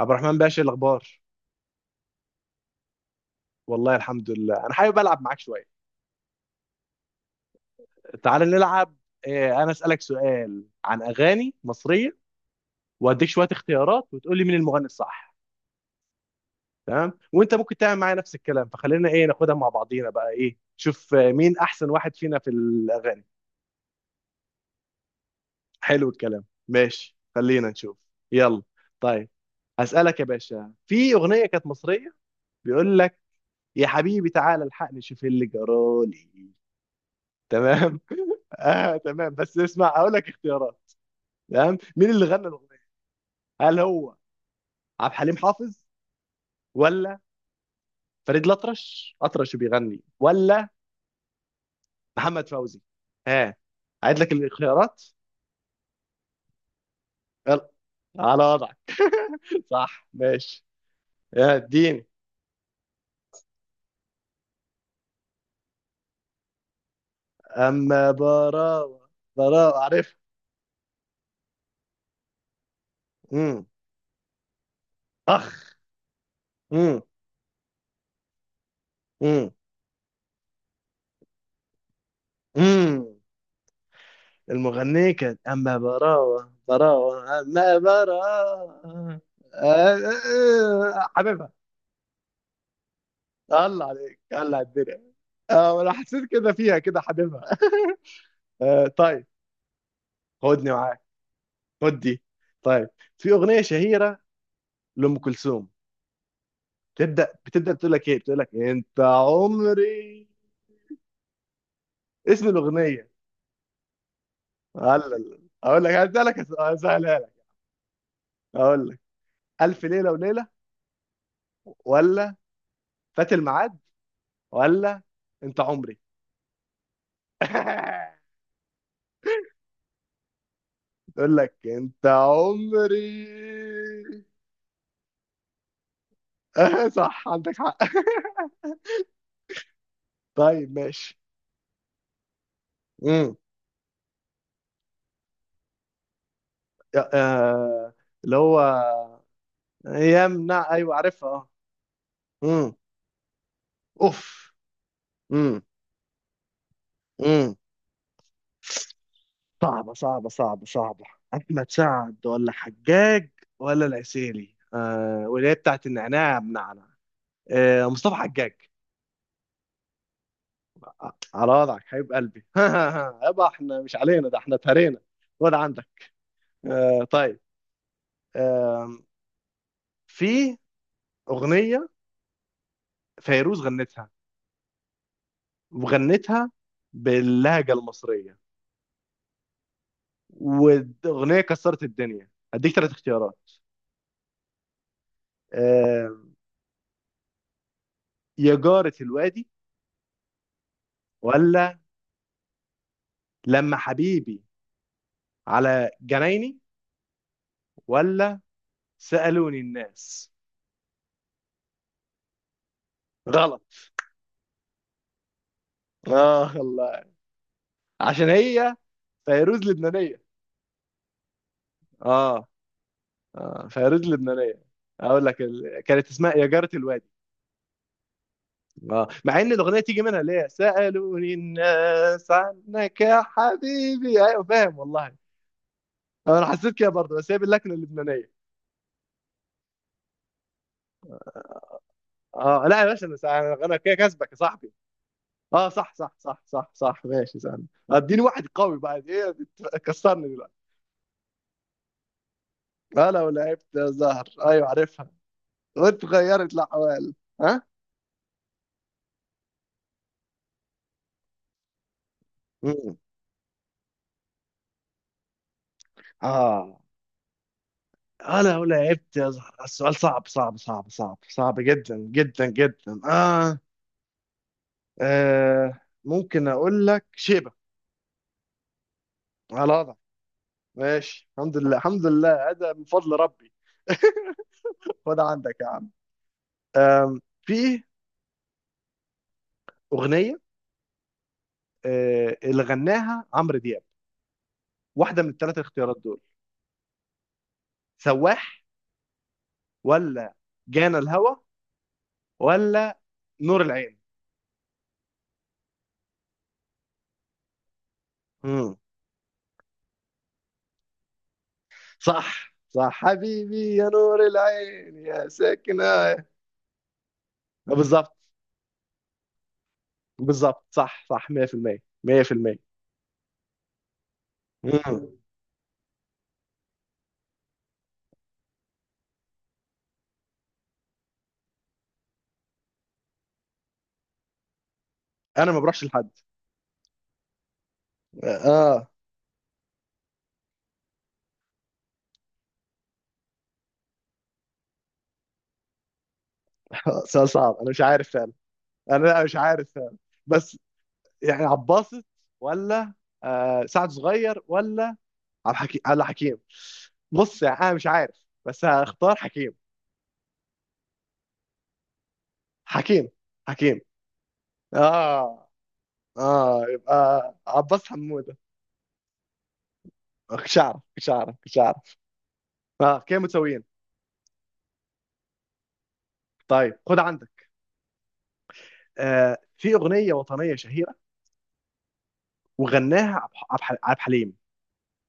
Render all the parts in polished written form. عبد الرحمن باشا، إيه الاخبار؟ والله الحمد لله. انا حابب العب معاك شويه. تعال نلعب. انا اسالك سؤال عن اغاني مصريه، واديك شويه اختيارات وتقول لي مين المغني الصح. تمام، وانت ممكن تعمل معايا نفس الكلام، فخلينا ايه، ناخدها مع بعضينا بقى. ايه شوف، مين احسن واحد فينا في الاغاني. حلو الكلام، ماشي، خلينا نشوف. يلا. طيب، هسالك يا باشا، في اغنيه كانت مصريه بيقول لك: يا حبيبي تعالى الحقني شوف إيه اللي جرالي. تمام. اه تمام، بس اسمع هقول لك اختيارات. تمام. مين اللي غنى الاغنيه؟ هل هو عبد الحليم حافظ، ولا فريد الأطرش أطرش بيغني، ولا محمد فوزي؟ ها، عيد لك الاختيارات. يلا، على وضعك. صح، ماشي. يا اديني. اما براوة براوة، عارف. امم. اخ. امم. امم. امم. المغنية كانت اما براوة براوة اما براوة. حبيبي. الله عليك، الله على الدنيا. اه انا حسيت كده فيها، كده حاببها. آه طيب. خدني معاك. خد دي. طيب، في اغنيه شهيره لام كلثوم، بتبدا بتقول لك ايه، بتقول لك: انت عمري. اسم الاغنيه. هلا اقول لك، هسألها لك. اقول لك: الف ليله وليله، ولا فات الميعاد، ولا انت عمري؟ تقول لك: انت عمري. صح، عندك حق. طيب ماشي. مم. آه، اللي هو يمنع، ايوه عارفها اه. امم. اوف. امم. امم. صعبه صعبه صعبه صعبه. احمد سعد، ولا حجاج، ولا العسيلي؟ آه، واللي هي بتاعت النعناع يا بنعنع، آه، مصطفى حجاج. على وضعك حبيب قلبي. يبقى احنا مش علينا ده، احنا اتهرينا. خد عندك. طيب. آه في اغنيه فيروز غنتها، وغنتها باللهجه المصريه، واغنيه كسرت الدنيا. هديك ثلاث اختيارات: آه، يا جارة الوادي، ولا لما حبيبي على جنايني، ولا سألوني الناس؟ غلط. اه الله. عشان هي فيروز لبنانية. اه. اه، فيروز لبنانية. اقول لك كانت اسمها يا جارة الوادي. اه، مع ان الاغنية تيجي منها اللي هي سألوني الناس عنك يا حبيبي، ايوه فاهم والله. انا حسيت كده برضه، بس هي باللكنة اللبنانية. اه لا يا باشا، انا انا كده كسبك يا صاحبي. اه صح صح صح صح صح، ماشي سهل. اديني واحد قوي بقى. ايه كسرني دلوقتي. انا ولعبت زهر، ايوه عارفها. وانت غيرت الاحوال. ها. مم. اه، انا ولعبت يا زهر، السؤال صعب صعب صعب صعب صعب، جدا جدا جدا. اه. آه، ممكن اقول لك شيبه. على وضع. ماشي، الحمد لله الحمد لله، هذا من فضل ربي. خد عندك يا عم. في اغنيه اللي غناها عمرو دياب، واحده من الثلاث اختيارات دول: سواح، ولا جانا الهوى، ولا نور العين؟ مم. صح صح، حبيبي يا نور العين يا ساكنة. آه، بالظبط بالظبط، صح صح 100% 100%. مم. انا ما بروحش لحد. اه. سؤال صعب، انا مش عارف فعلا. انا لا، مش عارف فعلا. بس يعني عباسط، ولا آه سعد صغير، ولا على حكيم، على حكيم. بص يعني انا مش عارف، بس هختار حكيم. حكيم. حكيم. اه. اه، يبقى عباس حمودة. كنتش اعرف كنتش اعرف كنتش اعرف. اه كده متساويين. طيب خد عندك. في اغنية وطنية شهيرة، وغناها عبد الحليم،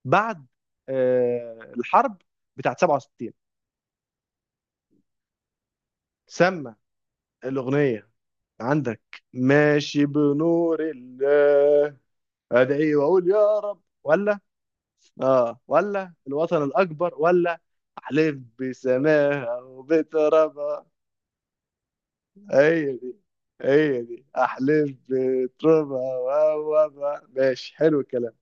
بعد الحرب بتاعت 67. سمى الاغنية. عندك: ماشي بنور الله، ادعي واقول يا رب، ولا اه ولا الوطن الاكبر، ولا احلف بسماها وبترابها؟ هي دي، هي دي احلف بترابها. وهو، ماشي، حلو الكلام.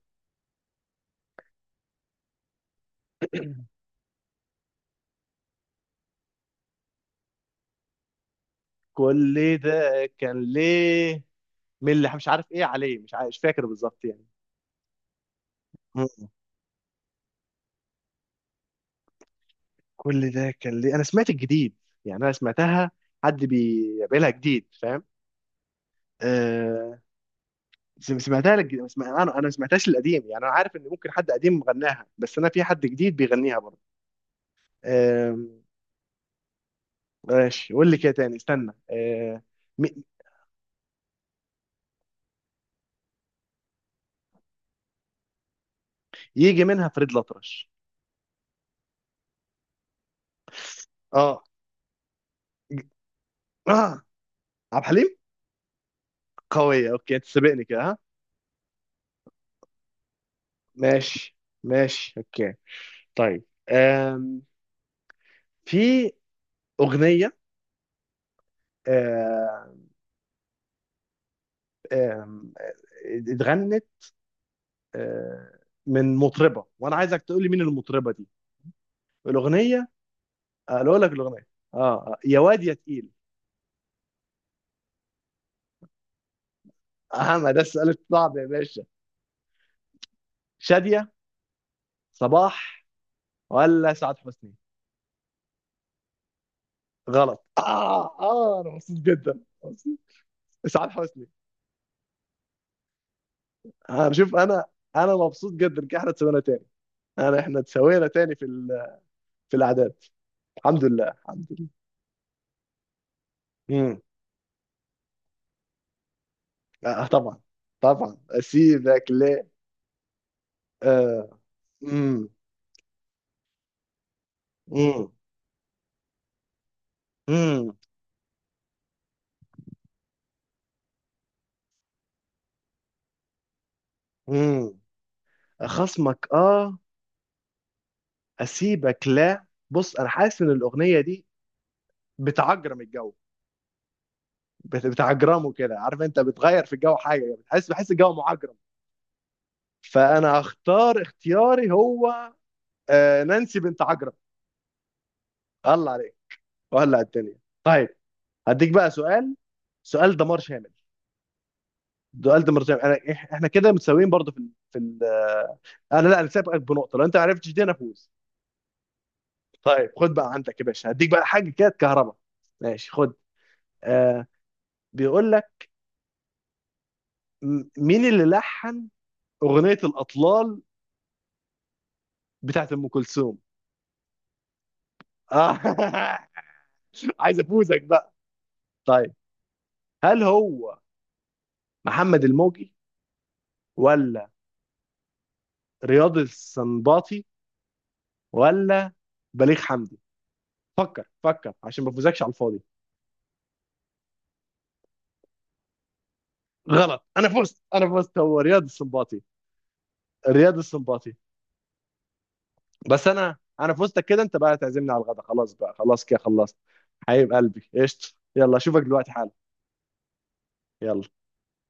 كل ده كان ليه، من اللي مش عارف ايه عليه، مش عارف، مش فاكر بالظبط يعني. مم. كل ده كان ليه، انا سمعت الجديد. يعني انا سمعتها، حد بيعملها جديد، فاهم. آه، سمعتها لك انا انا ما سمعتهاش القديم، يعني انا عارف ان ممكن حد قديم غناها، بس انا في حد جديد بيغنيها برضه. آم. ماشي، قول لي كده تاني، استنى. م- يجي منها فريد الأطرش. اه. ج- اه عبد الحليم. قوية، اوكي، انت سابقني كده. ها، ماشي. ماشي اوكي. طيب آم، في أغنية، آه، آم، آه، اتغنت آه، من مطربة، وانا عايزك تقول لي مين المطربة دي. الأغنية. اقول لك الأغنية. اه، يا واد يا تقيل. اه ما ده السؤال الصعب يا باشا. شادية، صباح، ولا سعاد حسني؟ غلط. اه اه، انا مبسوط جدا، مبسوط. اسعاد حسني. شوف انا، انا مبسوط جدا ان احنا اتسوينا تاني. انا، احنا اتسوينا تاني في الاعداد. الحمد لله الحمد لله. امم. آه طبعا. طبعا، اسيبك ليه. آه. امم. امم. امم. امم. خصمك اه، اسيبك. لا، بص انا حاسس ان الاغنيه دي بتعجرم الجو. بتعجرمه كده، عارف، انت بتغير في الجو حاجه، بتحس بحس الجو معجرم. فانا هختار اختياري، هو نانسي بنت عجرم. الله عليك، وهلا على الدنيا. طيب، هديك بقى سؤال، سؤال دمار شامل. سؤال دمار شامل، انا احنا كده متساويين برضه في ال... في ال... آه، انا لا، انا سابقك بنقطه، لو انت ما عرفتش دي انا فوز. طيب، خد بقى عندك يا باشا، هديك بقى حاجه كده كهرباء. ماشي خد. آه، بيقول لك مين اللي لحن اغنيه الاطلال بتاعت ام كلثوم. آه، عايز افوزك بقى. طيب هل هو محمد الموجي، ولا رياض السنباطي، ولا بليغ حمدي؟ فكر، فكر، عشان ما افوزكش على الفاضي. غلط، انا فزت، انا فزت، هو رياض السنباطي. رياض السنباطي. بس انا، انا فزتك كده، انت بقى تعزمني على الغدا، خلاص بقى، خلاص كده خلصت. حبيب قلبي قشطه. يلا اشوفك دلوقتي حالا. يلا.